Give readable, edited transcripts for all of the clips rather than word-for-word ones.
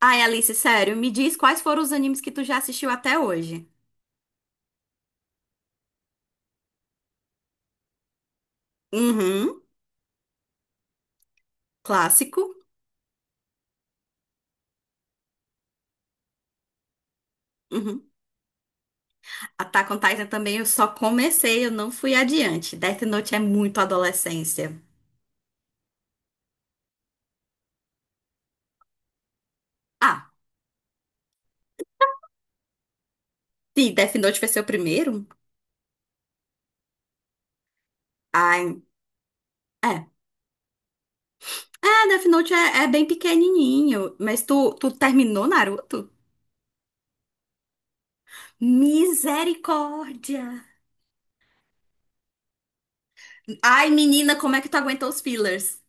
Ai, Alice, sério, me diz quais foram os animes que tu já assistiu até hoje. Uhum, clássico. Uhum. Attack on Titan também eu só comecei, eu não fui adiante. Death Note é muito adolescência. Ah, sim, Death Note foi seu primeiro? Ai, é. É, Death Note é, é bem pequenininho, mas tu terminou Naruto? Misericórdia! Ai, menina, como é que tu aguentou os fillers?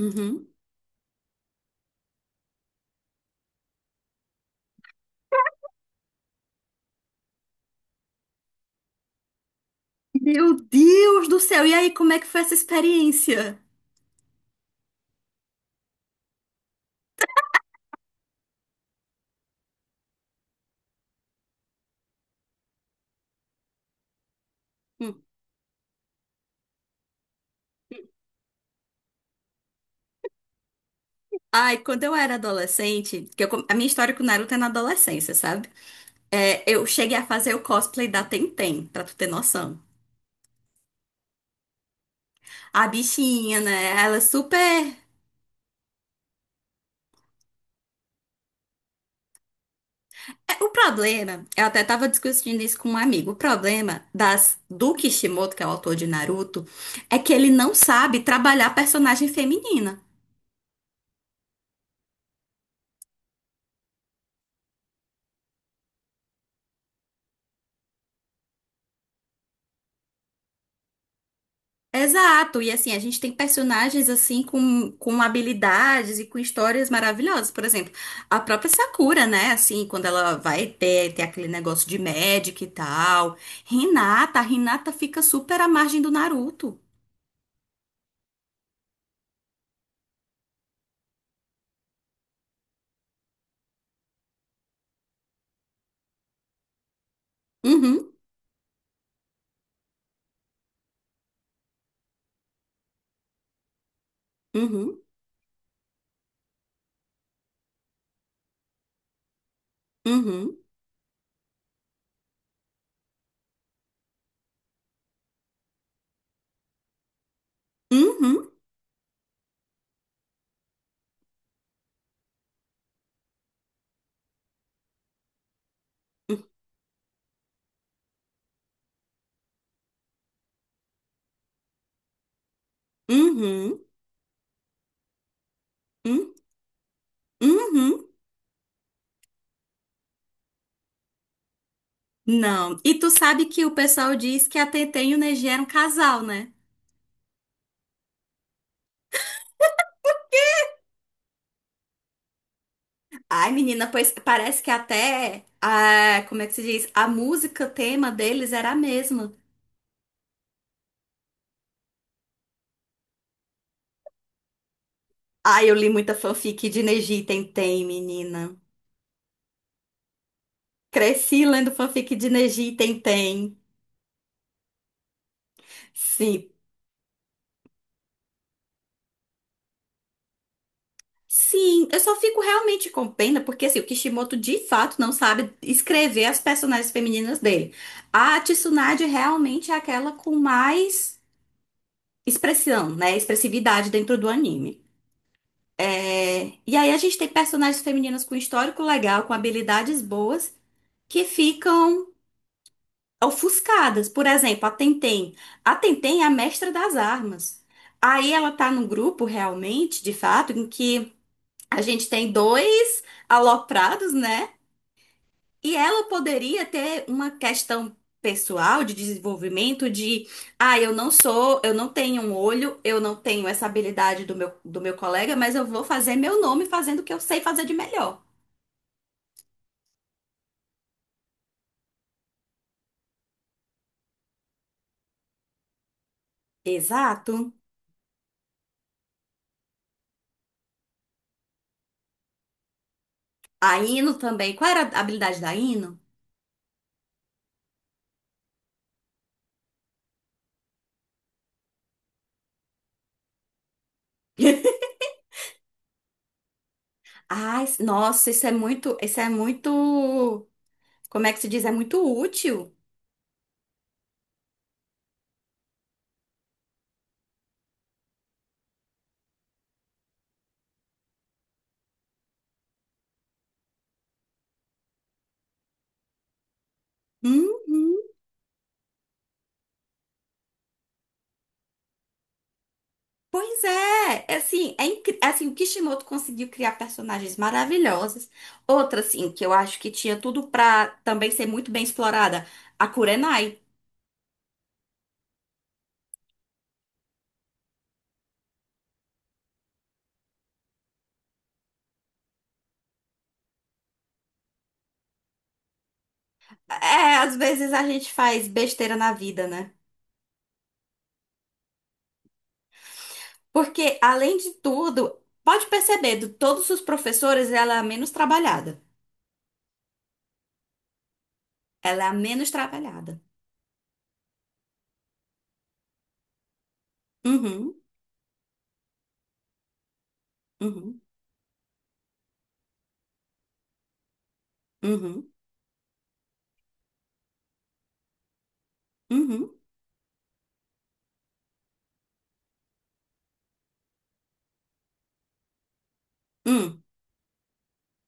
Uhum. Meu Deus do céu, e aí, como é que foi essa experiência? Ai, quando eu era adolescente, que a minha história com o Naruto é na adolescência, sabe? É, eu cheguei a fazer o cosplay da Tenten, pra tu ter noção. A bichinha, né? Ela é super. É, o problema, eu até tava discutindo isso com um amigo. O problema das do Kishimoto, que é o autor de Naruto, é que ele não sabe trabalhar personagem feminina. Exato, e assim, a gente tem personagens assim com habilidades e com histórias maravilhosas. Por exemplo, a própria Sakura, né? Assim, quando ela vai ter aquele negócio de médica e tal. Hinata, a Hinata fica super à margem do Naruto. Uhum, uhum, uhum, uhum, uhum, uhum, uhum. Não. E tu sabe que o pessoal diz que a Tenten e o Neji eram casal, né? Ai, menina, pois parece que até, ah, como é que se diz? A música tema deles era a mesma. Ai, eu li muita fanfic de Neji e Tentem, menina. Cresci lendo fanfic de Neji e Tentem. Sim. Sim, eu só fico realmente com pena porque assim, o Kishimoto de fato não sabe escrever as personagens femininas dele. A Tsunade realmente é aquela com mais expressão, né? Expressividade dentro do anime. É, e aí a gente tem personagens femininas com histórico legal, com habilidades boas, que ficam ofuscadas. Por exemplo, a Tenten. A Tenten é a mestra das armas. Aí ela tá num grupo realmente, de fato, em que a gente tem dois aloprados, né? E ela poderia ter uma questão pessoal de desenvolvimento de, ah, eu não sou, eu não tenho um olho, eu não tenho essa habilidade do meu colega, mas eu vou fazer meu nome fazendo o que eu sei fazer de melhor. Exato. A Ino também. Qual era a habilidade da Ino? Ai, nossa, isso é muito, como é que se diz? É muito útil. Uhum. Pois é, é assim, o Kishimoto conseguiu criar personagens maravilhosas. Outra, assim, que eu acho que tinha tudo pra também ser muito bem explorada, a Kurenai. É, às vezes a gente faz besteira na vida, né? Porque, além de tudo, pode perceber, de todos os professores, ela é a menos trabalhada. Ela é a menos trabalhada. Uhum, uhum, uhum, uhum, uhum.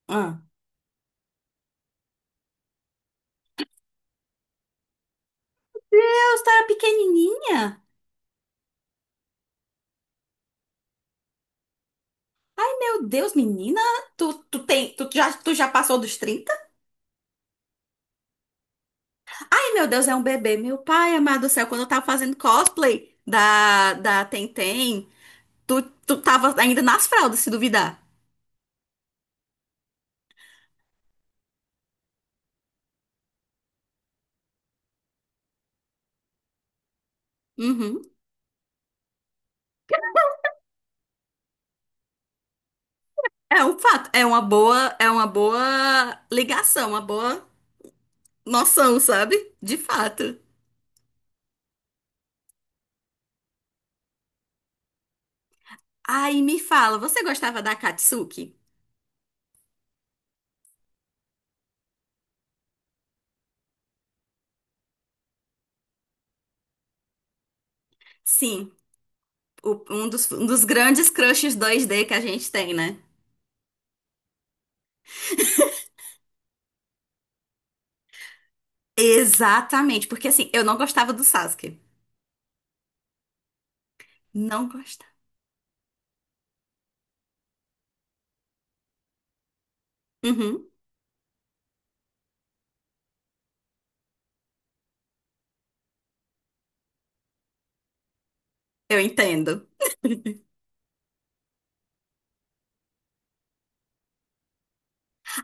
Ah. Deus, tu era pequenininha? Meu Deus, menina, tu já passou dos trinta. Ai, meu Deus, é um bebê. Meu pai, amado do céu, quando eu tava fazendo cosplay da Tentem, tu tava ainda nas fraldas, se duvidar. Uhum. É um fato, é uma boa ligação, uma boa noção, sabe? De fato. Aí me fala, você gostava da Katsuki? Sim. Um dos grandes crushes 2D que a gente tem, né? Exatamente, porque assim, eu não gostava do Sasuke. Não gostava. Uhum, eu entendo.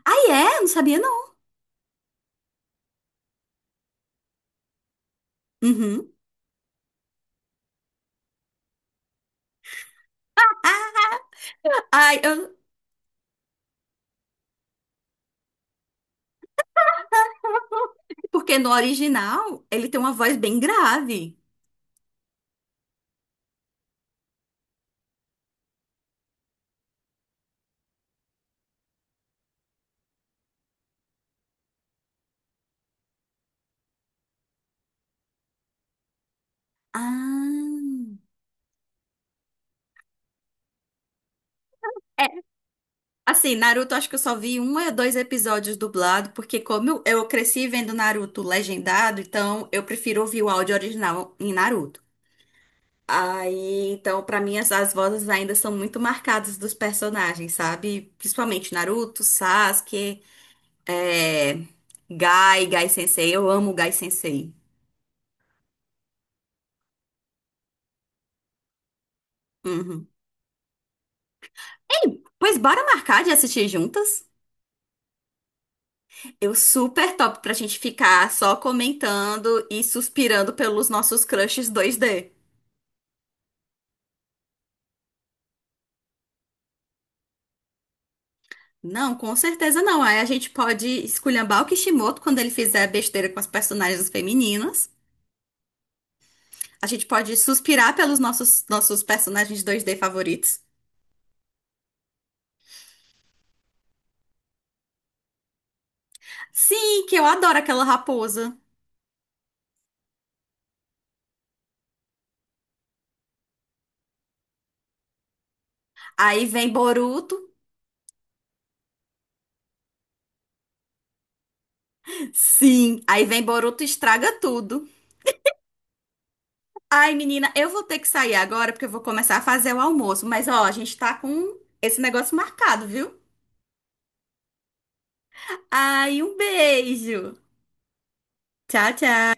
Ah, é? Não sabia, não. Uhum. Ah, ai, eu... Porque no original ele tem uma voz bem grave. Ah. É, assim, Naruto, acho que eu só vi um ou dois episódios dublado, porque como eu cresci vendo Naruto legendado, então eu prefiro ouvir o áudio original em Naruto. Aí, então, pra mim, as vozes ainda são muito marcadas dos personagens, sabe? Principalmente Naruto, Sasuke, é, Gai, Gai Sensei. Eu amo o Gai Sensei. Uhum. Ei, pois bora marcar de assistir juntas? Eu super top pra gente ficar só comentando e suspirando pelos nossos crushes 2D. Não, com certeza não. Aí a gente pode esculhambar o Kishimoto quando ele fizer besteira com as personagens femininas. A gente pode suspirar pelos nossos personagens dois d favoritos. Sim, que eu adoro aquela raposa. Aí vem Boruto. Sim, aí vem Boruto e estraga tudo. Ai, menina, eu vou ter que sair agora porque eu vou começar a fazer o almoço. Mas ó, a gente tá com esse negócio marcado, viu? Ai, um beijo. Tchau, tchau.